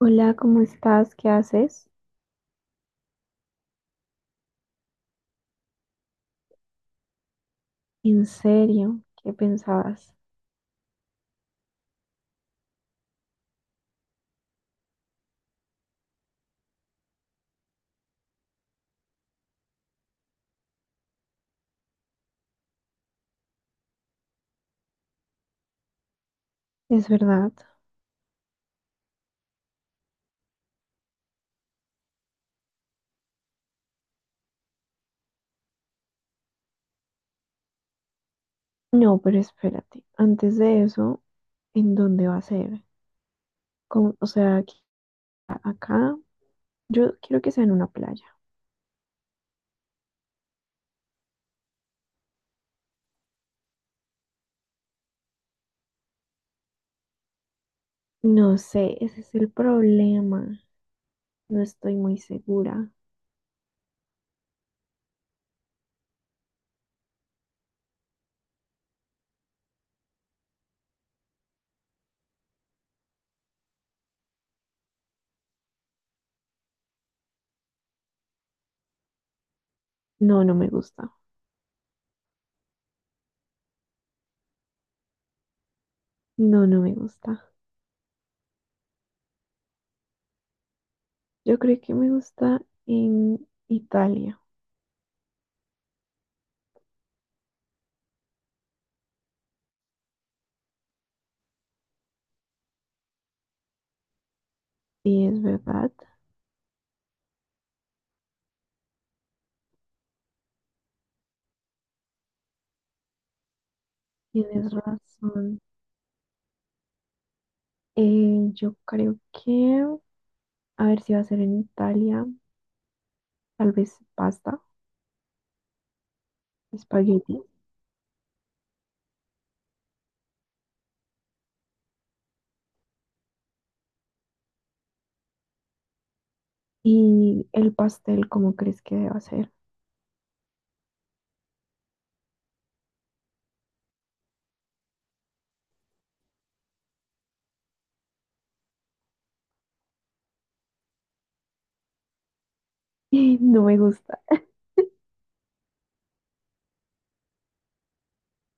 Hola, ¿cómo estás? ¿Qué haces? ¿En serio? ¿Qué pensabas? ¿Es verdad? No, pero espérate. Antes de eso, ¿en dónde va a ser? ¿Cómo? O sea, aquí, acá, yo quiero que sea en una playa. No sé, ese es el problema. No estoy muy segura. No, no me gusta. No, no me gusta. Yo creo que me gusta en Italia. Sí, es verdad. Tienes razón. Yo creo que, a ver, si va a ser en Italia, tal vez pasta, espagueti. Y el pastel, ¿cómo crees que deba ser? No me gusta.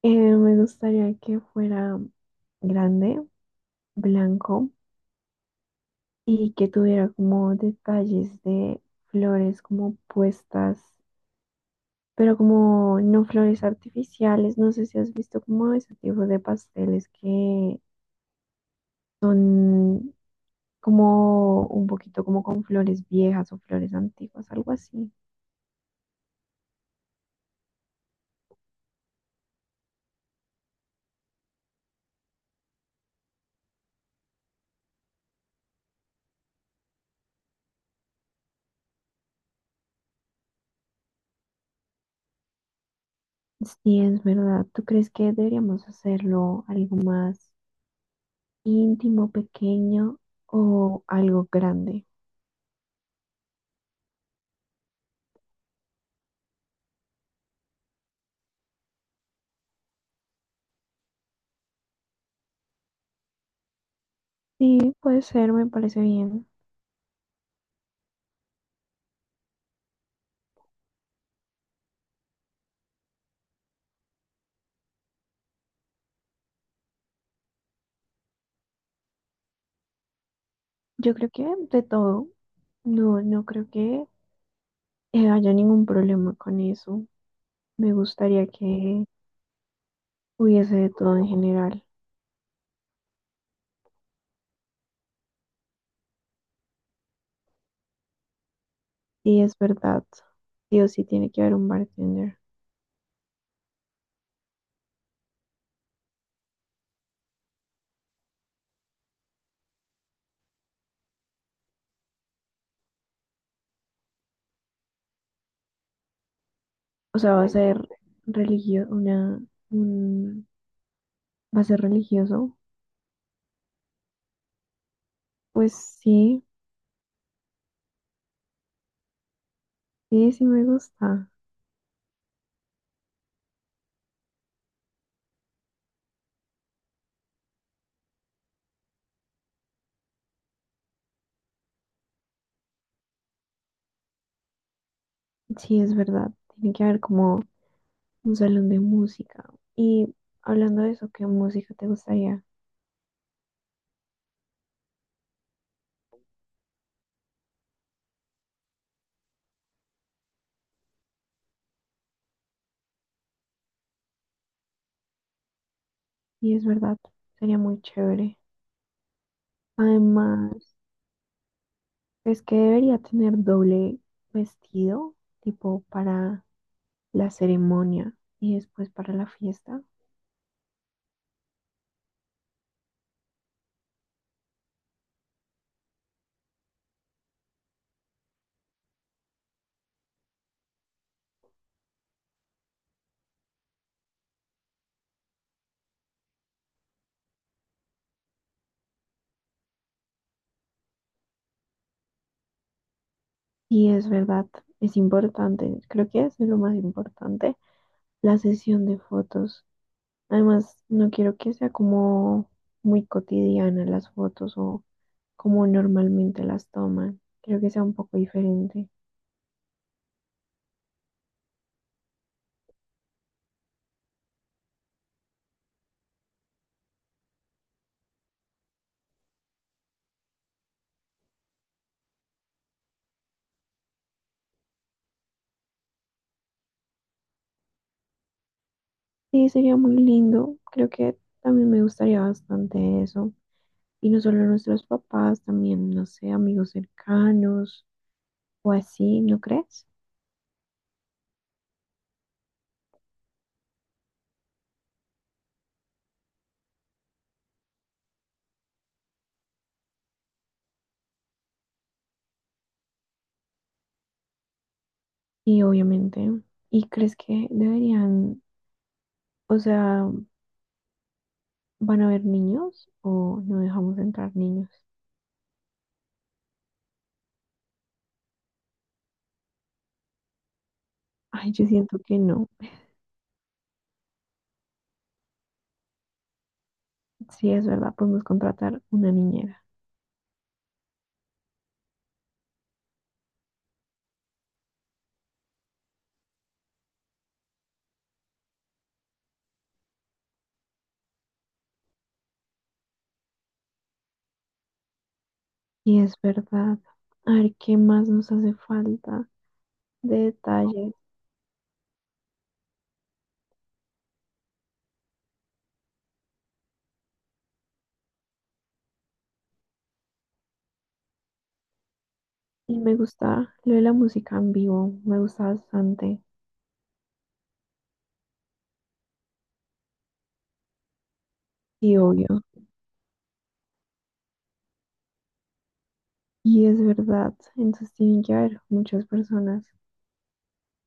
Me gustaría que fuera grande, blanco y que tuviera como detalles de flores como puestas, pero como no flores artificiales. No sé si has visto como ese tipo de pasteles que son como un poquito como con flores viejas o flores antiguas, algo así. Sí, es verdad. ¿Tú crees que deberíamos hacerlo algo más íntimo, pequeño, o algo grande? Sí, puede ser, me parece bien. Yo creo que de todo, no, no creo que haya ningún problema con eso. Me gustaría que hubiese de todo en general. Sí, es verdad. Sí o sí tiene que haber un bartender. O sea, va a ser religio, una, un, va a ser religioso. Pues sí, sí me gusta. Sí, es verdad. Tiene que haber como un salón de música. Y hablando de eso, ¿qué música te gustaría? Y es verdad, sería muy chévere. Además, es que debería tener doble vestido, tipo para la ceremonia y después para la fiesta. Y es verdad, es importante, creo que es de lo más importante, la sesión de fotos. Además, no quiero que sea como muy cotidiana las fotos o como normalmente las toman. Creo que sea un poco diferente. Sí, sería muy lindo. Creo que también me gustaría bastante eso. Y no solo nuestros papás, también, no sé, amigos cercanos o así, ¿no crees? Y obviamente. ¿Y crees que deberían, o sea, van a haber niños o no dejamos entrar niños? Ay, yo siento que no. Si es verdad, podemos contratar una niñera. Y es verdad. A ver, ¿qué más nos hace falta de detalles? Y me gusta lo de la música en vivo, me gusta bastante. Y obvio. Y es verdad, entonces tienen que haber muchas personas.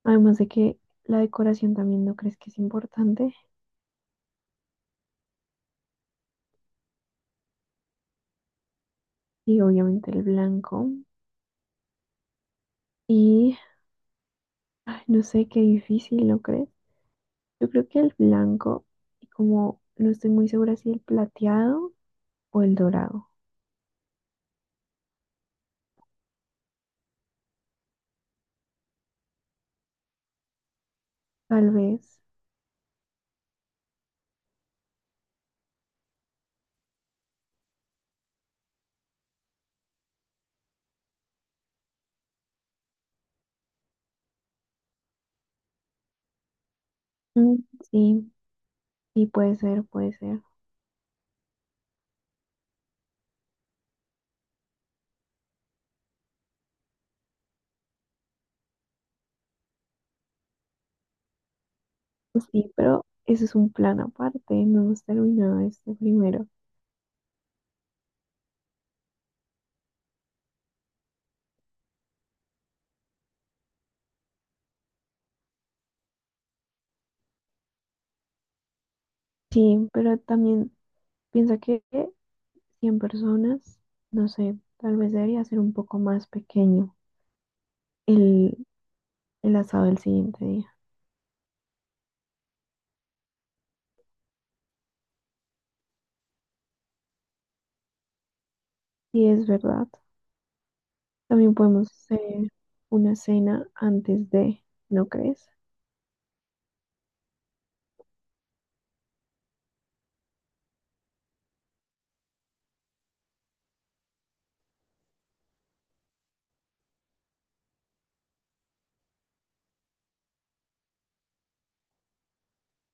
Además de que la decoración también, ¿no crees que es importante? Y obviamente el blanco. Y, ay, no sé, qué difícil, ¿no crees? Yo creo que el blanco, y como no estoy muy segura si el plateado o el dorado, tal vez. Mm, sí, sí, puede ser, puede ser. Pues sí, pero eso es un plan aparte, no hemos terminado este primero. Sí, pero también piensa que 100 personas, no sé, tal vez debería ser un poco más pequeño el, el asado del siguiente día. Sí, es verdad. También podemos hacer una cena antes de, ¿no crees?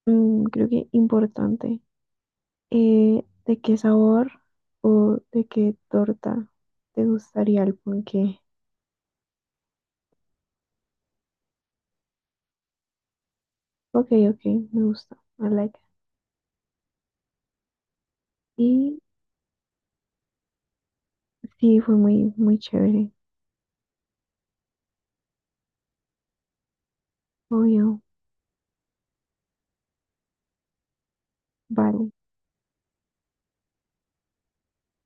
Mm, creo que importante. ¿De qué sabor o de qué torta te gustaría el ponqué? Ok, ok, me gusta. I like it. Y sí, fue muy, muy chévere. Obvio. Vale.